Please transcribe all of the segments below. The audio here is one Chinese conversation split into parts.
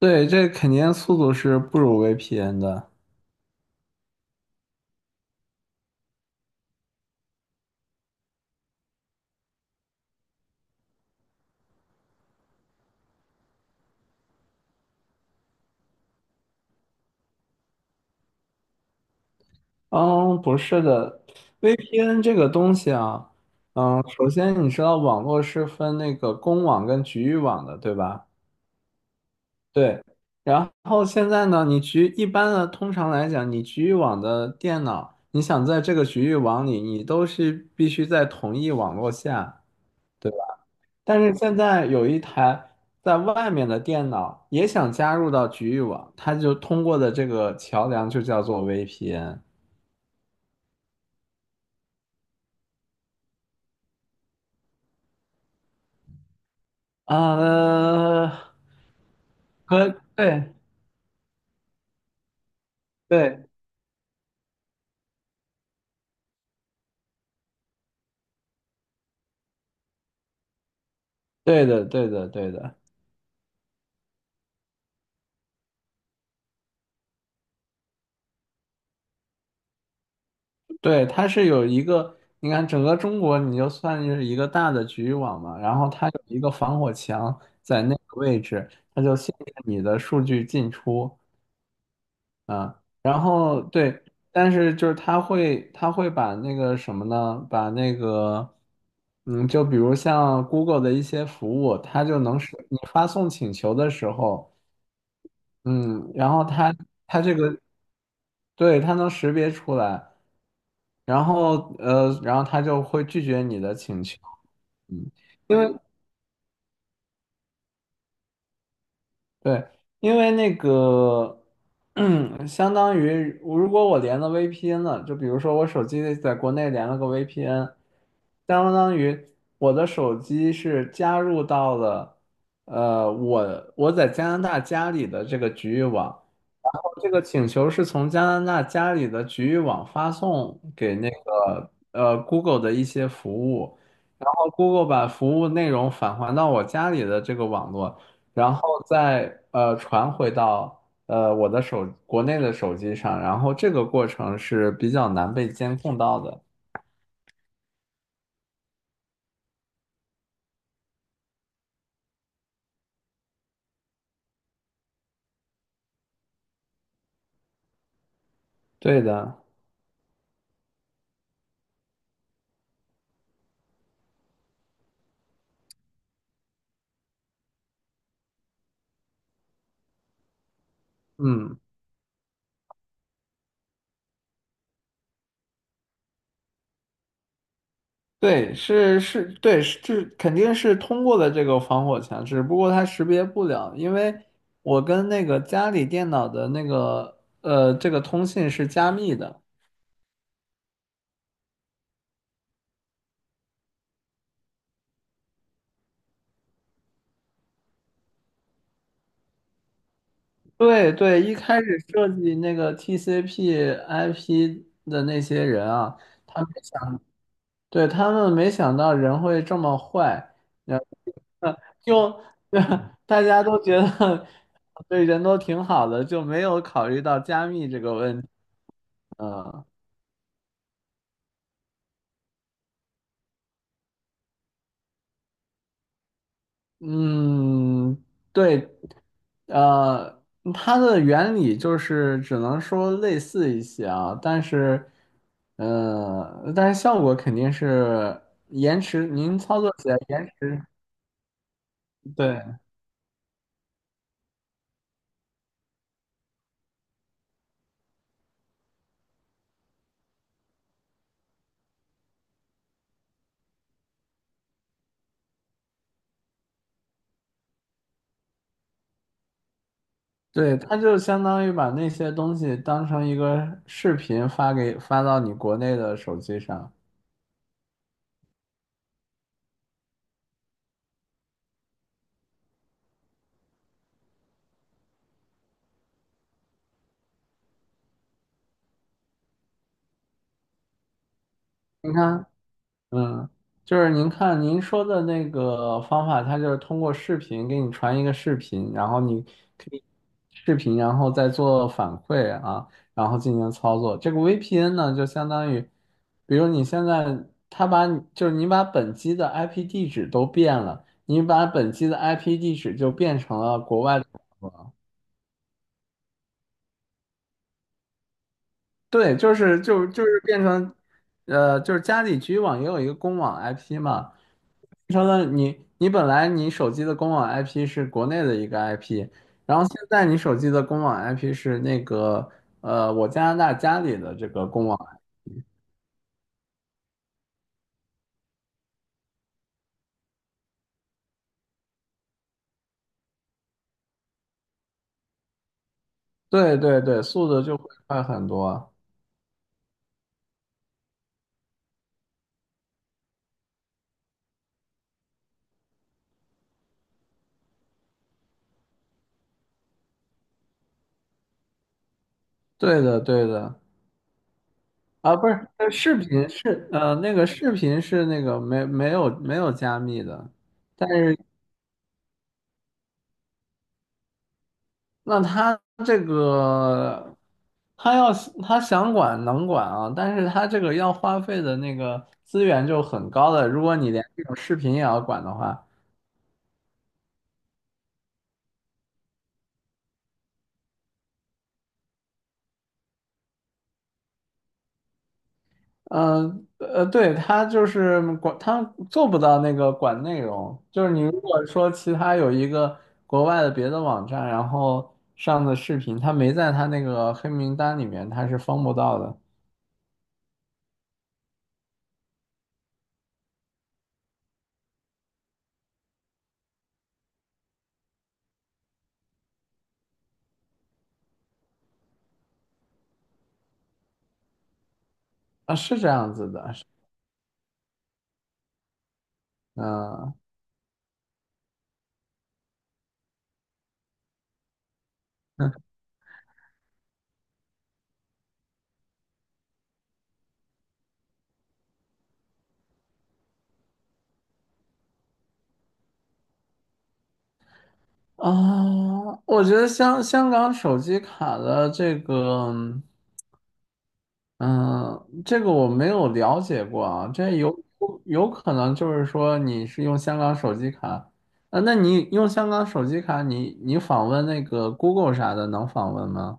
对，这肯定速度是不如 VPN 的。嗯，不是的，VPN 这个东西啊。嗯，首先你知道网络是分那个公网跟局域网的，对吧？对。然后现在呢，一般的，通常来讲，你局域网的电脑，你想在这个局域网里，你都是必须在同一网络下。对。但是现在有一台在外面的电脑也想加入到局域网，它就通过的这个桥梁就叫做 VPN。 啊，和对对对的对的对的对，它是有一个，你看整个中国你就算是一个大的局域网嘛，然后它有一个防火墙在那个位置，它就限制你的数据进出。啊，然后对。但是就是他会把那个什么呢？把那个，嗯，就比如像 Google 的一些服务，它就能识你发送请求的时候。嗯，然后它它这个对，它能识别出来。然后它就会拒绝你的请求。嗯，因为对，因为那个，相当于如果我连了 VPN 了，就比如说我手机在国内连了个 VPN,相当于我的手机是加入到了，我在加拿大家里的这个局域网，然后这个请求是从加拿大家里的局域网发送给那个Google 的一些服务，然后 Google 把服务内容返还到我家里的这个网络。然后再传回到呃我的手国内的手机上，然后这个过程是比较难被监控到的。对的。嗯，对，是是，对，是这肯定是通过了这个防火墙，只不过它识别不了，因为我跟那个家里电脑的那个这个通信是加密的。对对，一开始设计那个 TCP/IP 的那些人啊。他们想。对，他们没想到人会这么坏。然后就 大家都觉得对人都挺好的，就没有考虑到加密这个问题。嗯嗯，对。呃，它的原理就是只能说类似一些啊，但是，但是效果肯定是延迟，您操作起来延迟。对。对，它就相当于把那些东西当成一个视频发到你国内的手机上。你看。嗯，就是您看您说的那个方法，它就是通过视频给你传一个视频，然后你可以视频，然后再做反馈啊，然后进行操作。这个 VPN 呢，就相当于，比如你现在他把你就是你把本机的 IP 地址都变了，你把本机的 IP 地址就变成了国外。对，就是变成，就是家里局域网也有一个公网 IP 嘛，变成了你本来你手机的公网 IP 是国内的一个 IP,然后现在你手机的公网 IP 是那个我加拿大家里的这个公网。对对对，速度就会快很多。对的对的。啊不是，呃视频是呃那个视频是那个没有加密的。但是。那他这个，他要是他想管能管啊，但是他这个要花费的那个资源就很高的。如果你连这种视频也要管的话，嗯对，他就是管，他做不到那个管内容。就是你如果说其他有一个国外的别的网站，然后上的视频，他没在他那个黑名单里面，他是封不到的。啊，是这样子的。嗯。啊，我觉得香港手机卡的这个，嗯，这个我没有了解过啊，这有可能就是说你是用香港手机卡。啊，那你用香港手机卡你，你访问那个 Google 啥的能访问吗？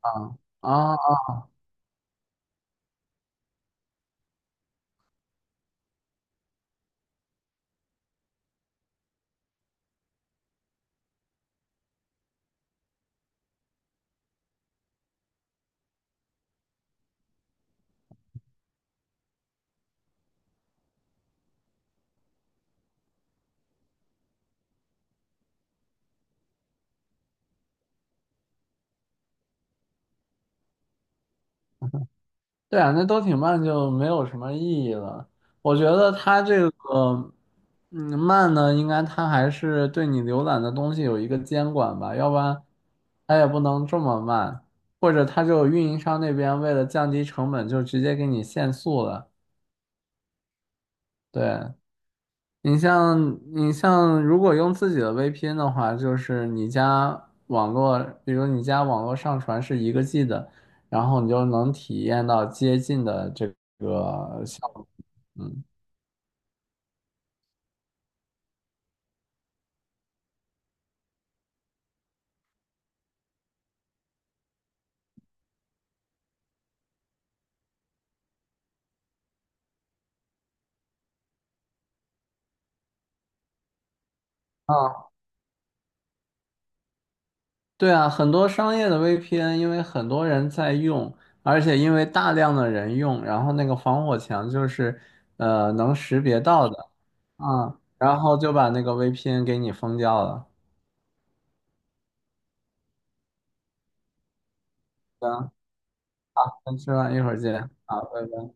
啊啊。对啊，那都挺慢就没有什么意义了。我觉得它这个，嗯，慢呢，应该它还是对你浏览的东西有一个监管吧，要不然它也不能这么慢。或者它就运营商那边为了降低成本，就直接给你限速了。对，你像你像，如果用自己的 VPN 的话，就是你家网络，比如你家网络上传是一个 G 的，然后你就能体验到接近的这个效果。嗯。啊，对啊，很多商业的 VPN,因为很多人在用，而且因为大量的人用，然后那个防火墙就是能识别到的。啊，然后就把那个 VPN 给你封掉了。行，先吃饭，一会儿见。好，拜拜。